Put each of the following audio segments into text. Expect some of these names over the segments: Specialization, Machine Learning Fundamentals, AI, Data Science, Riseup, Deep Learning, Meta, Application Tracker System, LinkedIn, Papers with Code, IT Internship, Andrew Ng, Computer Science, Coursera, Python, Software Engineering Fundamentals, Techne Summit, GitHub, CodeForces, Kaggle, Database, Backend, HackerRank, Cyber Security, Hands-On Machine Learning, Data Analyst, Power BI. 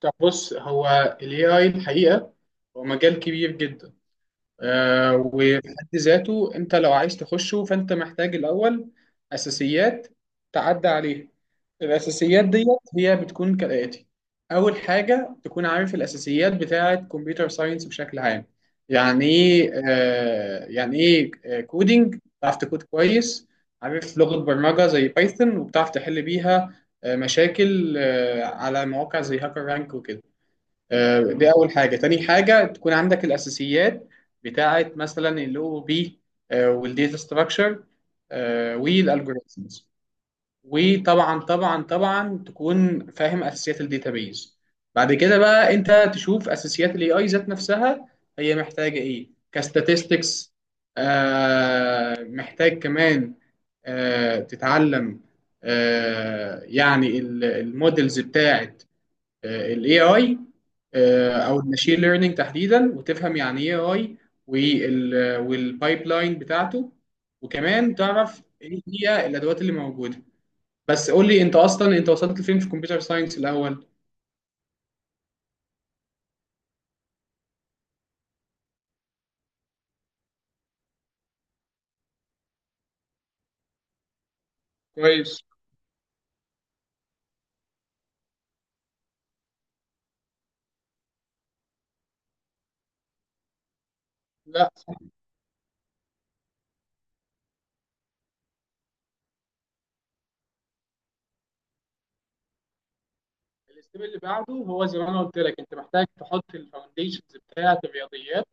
طب بص، هو ال AI الحقيقة هو مجال كبير جدا. وفي حد ذاته أنت لو عايز تخشه، فأنت محتاج الأول أساسيات تعدى عليها. الأساسيات ديت هي بتكون كالآتي: أول حاجة تكون عارف الأساسيات بتاعة كمبيوتر ساينس بشكل عام. يعني إيه آه يعني إيه كودينج، بتعرف تكود كويس، عارف لغة برمجة زي بايثون وبتعرف تحل بيها مشاكل على مواقع زي هاكر رانك وكده. دي أول حاجة. تاني حاجة تكون عندك الأساسيات بتاعة مثلا ال OOP، والديتا ستراكشر والالجوريزمز. وطبعا طبعا طبعا تكون فاهم أساسيات الداتابيز. بعد كده بقى أنت تشوف أساسيات ال AI ذات نفسها. هي محتاجة إيه؟ كاستاتستكس، محتاج كمان تتعلم يعني المودلز بتاعة الاي اي، او الماشين ليرنينج تحديدا، وتفهم يعني ايه اي والبايب لاين بتاعته، وكمان تعرف ايه هي الادوات اللي موجوده. بس قول لي انت اصلا، انت وصلت لفين في الكمبيوتر ساينس الاول؟ كويس. لا، الاستيب اللي بعده هو زي ما انا قلت لك، انت محتاج تحط الفاونديشنز بتاعه الرياضيات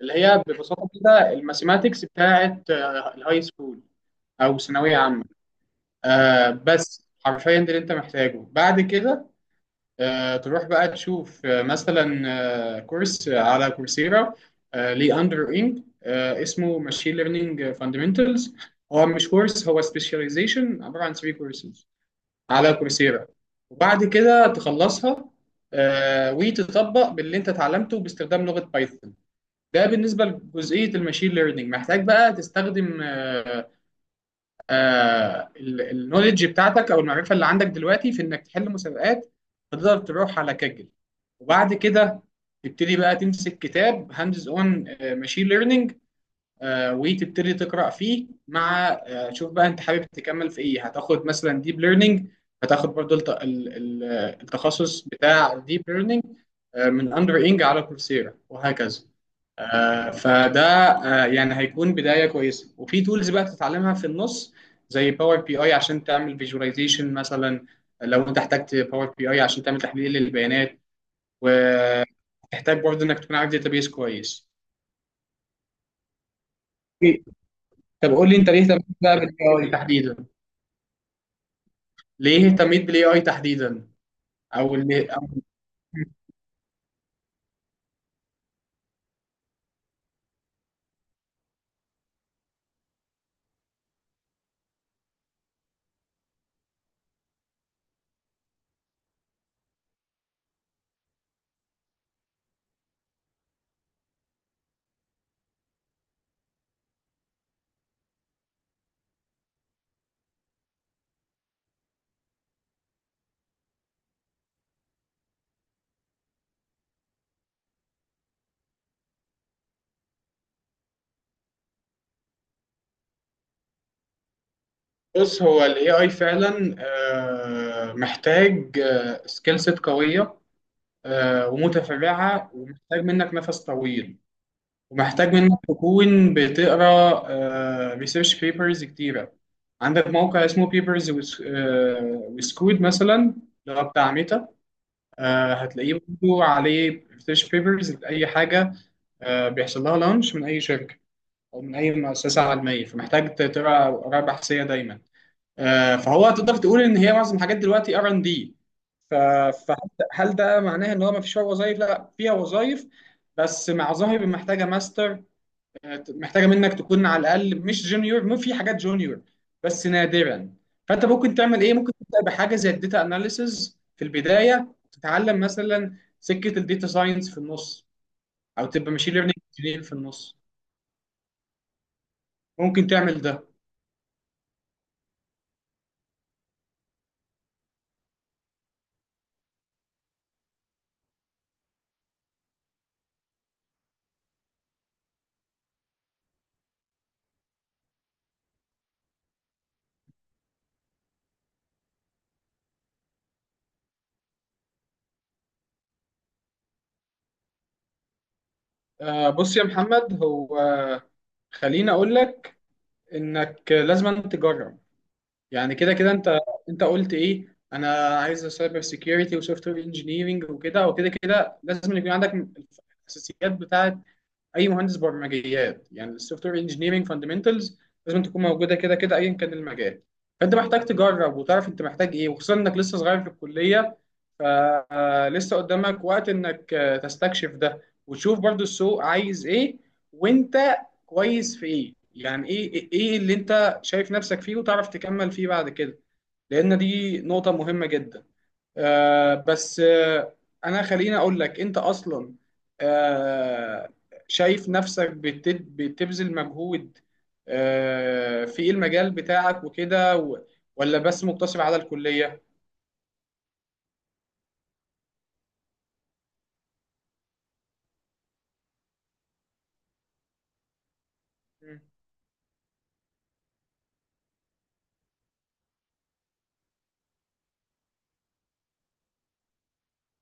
اللي هي ببساطه كده الماثيماتكس بتاعه الهاي سكول او ثانويه عامه. بس حرفيا ده اللي انت محتاجه. بعد كده تروح بقى تشوف مثلا كورس على كورسيرا ليه اندر انج، اسمه ماشين ليرنينج فاندمنتالز. هو مش كورس، هو سبيشاليزيشن عباره عن 3 كورسز على كورسيرا. وبعد كده تخلصها وتطبق باللي انت اتعلمته باستخدام لغه بايثون. ده بالنسبه لجزئيه الماشين ليرنينج. محتاج بقى تستخدم النولج بتاعتك او المعرفه اللي عندك دلوقتي في انك تحل مسابقات. تقدر تروح على كاجل، وبعد كده تبتدي بقى تمسك كتاب هاندز اون ماشين ليرنينج، وتبتدي تقرا فيه. مع شوف بقى انت حابب تكمل في ايه. هتاخد مثلا ديب ليرنينج، هتاخد برضو ال- التخصص بتاع ديب ليرنينج من اندر انج على كورسيرا، وهكذا. فده يعني هيكون بدايه كويسه. وفي تولز بقى تتعلمها في النص زي باور بي اي عشان تعمل فيجواليزيشن مثلا، لو انت احتجت باور بي اي عشان تعمل تحليل للبيانات. وتحتاج برضو انك تكون عارف داتابيس كويس. طب قول لي انت ليه اهتميت بقى بالاي اي تحديدا؟ ليه اهتميت بالاي اي تحديدا؟ او اللي أو بص، هو الاي اي فعلا محتاج سكيل سيت قويه ومتفرعه، ومحتاج منك نفس طويل، ومحتاج منك تكون بتقرا ريسيرش بيبرز كتيره. عندك موقع اسمه بيبرز وسكود مثلا، اللي هو بتاع ميتا، هتلاقيه برضه عليه ريسيرش بيبرز لاي حاجه بيحصل لها لانش من اي شركه او من اي مؤسسه علميه. فمحتاج تقرا اراء بحثيه دايما. فهو تقدر تقول ان هي معظم الحاجات دلوقتي ار ان دي. فهل ده معناه ان هو ما فيش وظائف؟ لا، فيها وظائف، بس مع ظاهر محتاجه ماستر، محتاجه منك تكون على الاقل مش جونيور. مو في حاجات جونيور بس نادرا. فانت ممكن تعمل ايه؟ ممكن تبدا بحاجه زي الداتا اناليسز في البدايه، تتعلم مثلا سكه الداتا ساينس في النص، او تبقى ماشين ليرنينج في النص. ممكن تعمل ده. بص يا محمد، هو خليني اقول لك انك لازم أن تجرب. يعني كده كده انت، انت قلت ايه، انا عايز سايبر سيكيورتي وسوفت وير انجينيرنج وكده. وكده كده لازم يكون عندك الاساسيات بتاعه اي مهندس برمجيات، يعني السوفت وير انجينيرنج فاندمنتالز لازم تكون موجوده كده كده، ايا كان المجال. فانت محتاج تجرب وتعرف انت محتاج ايه، وخصوصا انك لسه صغير في الكليه. فلسه قدامك وقت انك تستكشف ده، وتشوف برضو السوق عايز ايه، وانت كويس في ايه. يعني ايه ايه إيه اللي انت شايف نفسك فيه وتعرف تكمل فيه بعد كده، لان دي نقطة مهمة جدا. آه بس آه انا خليني اقول لك، انت اصلا آه شايف نفسك بتبذل مجهود في المجال بتاعك وكده، ولا بس مقتصر على الكلية؟ مم.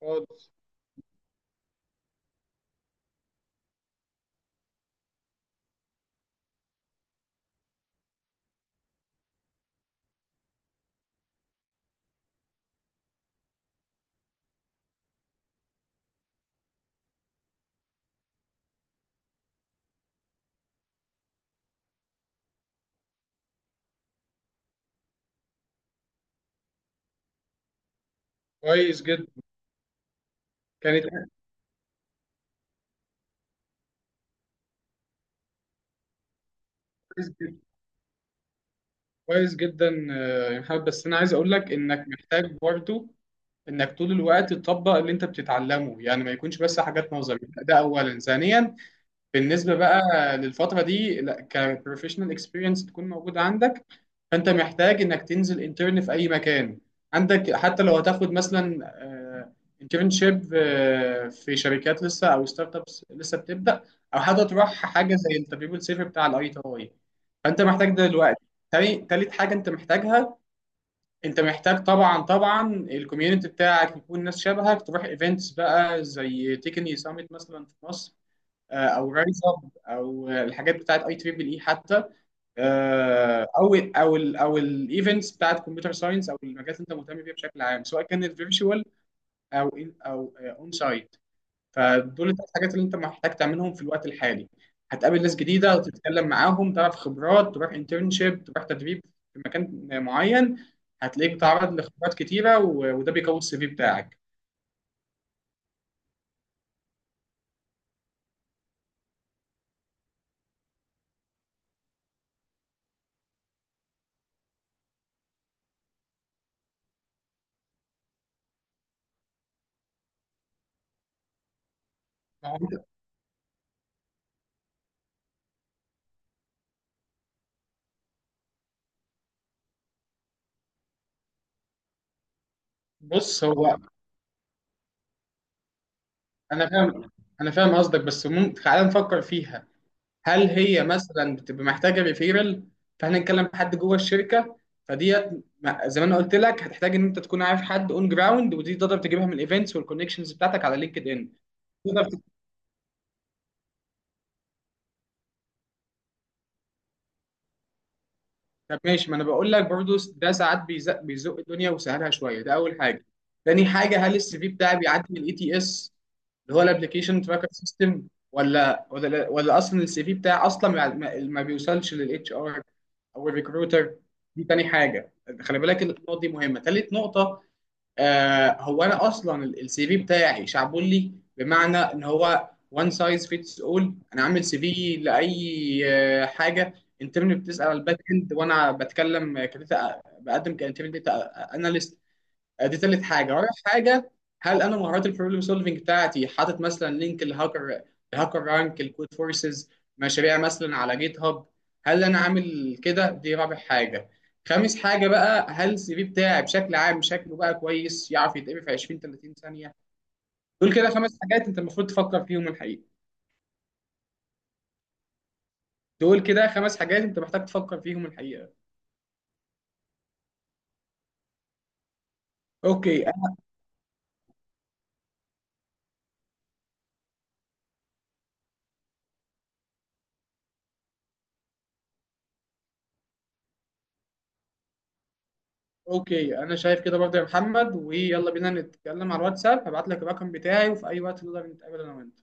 خالص. كويس جدا. كانت كويس جدا. كويس جدا يا محمد، بس انا عايز اقول لك انك محتاج برضو انك طول الوقت تطبق اللي انت بتتعلمه، يعني ما يكونش بس حاجات نظري. ده اولا. ثانيا بالنسبه بقى للفتره دي، لا كبروفيشنال اكسبيرينس تكون موجوده عندك. فانت محتاج انك تنزل انترن في اي مكان عندك، حتى لو هتاخد مثلا انترنشيب في شركات لسه او ستارت ابس لسه بتبدا، او حتى تروح حاجه زي التدريب الصيفي بتاع الاي تي اي. فانت محتاج ده دلوقتي. تالت حاجه انت محتاجها، انت محتاج طبعا الكوميونتي بتاعك يكون ناس شبهك. تروح ايفنتس بقى زي تكني سامت مثلا في مصر، او رايز اب، او الحاجات بتاعت اي تريبل اي حتى، او ال او ال او الايفنتس بتاعت كمبيوتر ساينس، او المجالات اللي انت مهتم بيها بشكل عام، سواء كانت فيرتشوال او in او اون سايت. فدول الثلاث حاجات اللي انت محتاج تعملهم في الوقت الحالي. هتقابل ناس جديده وتتكلم معاهم، تعرف خبرات، تروح انترنشيب، تروح تدريب في مكان معين. هتلاقيك بتتعرض لخبرات كتيره، وده بيقوي السي في بتاعك. ما هو أنت- بص، هو انا فاهم، انا فاهم قصدك، بس ممكن تعالى نفكر فيها. هل هي مثلا بتبقى محتاجه ريفيرال، فاحنا نتكلم حد جوه الشركه؟ فديت زي ما انا قلت لك، هتحتاج ان انت تكون عارف حد اون جراوند، ودي تقدر تجيبها من الايفنتس والكونكشنز بتاعتك على لينكد ان. طب ماشي، ما انا بقول لك برضو، ده ساعات بيزق الدنيا وسهلها شويه. ده اول حاجه. تاني حاجه، هل السي في بتاعي بيعدي من الاي تي اس اللي هو الابلكيشن تراكر سيستم، ولا اصلا السي في بتاعي اصلا ما بيوصلش للاتش ار او الريكروتر؟ دي تاني حاجه. خلي بالك النقطه دي مهمه. تالت نقطه، هو انا اصلا السي في بتاعي شعبولي، بمعنى ان هو وان سايز فيتس اول. انا عامل سي في لاي حاجه. انترن بتسال على الباك اند، وانا بتكلم كداتا، بقدم كانترن داتا اناليست. دي تالت حاجه. رابع حاجه، هل انا مهارات البروبلم سولفنج بتاعتي حاطط مثلا لينك الهاكر رانك، الكود فورسز، مشاريع مثلا على جيت هاب؟ هل انا عامل كده؟ دي رابع حاجه. خامس حاجه بقى، هل السي في بتاعي بشكل عام شكله بقى كويس، يعرف يتقري في 20 30 ثانيه؟ دول كده خمس حاجات انت المفروض تفكر فيهم الحقيقه. دول كده خمس حاجات انت محتاج تفكر فيهم الحقيقه. اوكي. اوكي، انا شايف كده برضه يا محمد. ويلا بينا نتكلم على الواتساب، هبعت لك الرقم بتاعي، وفي اي وقت نقدر نتقابل انا وانت.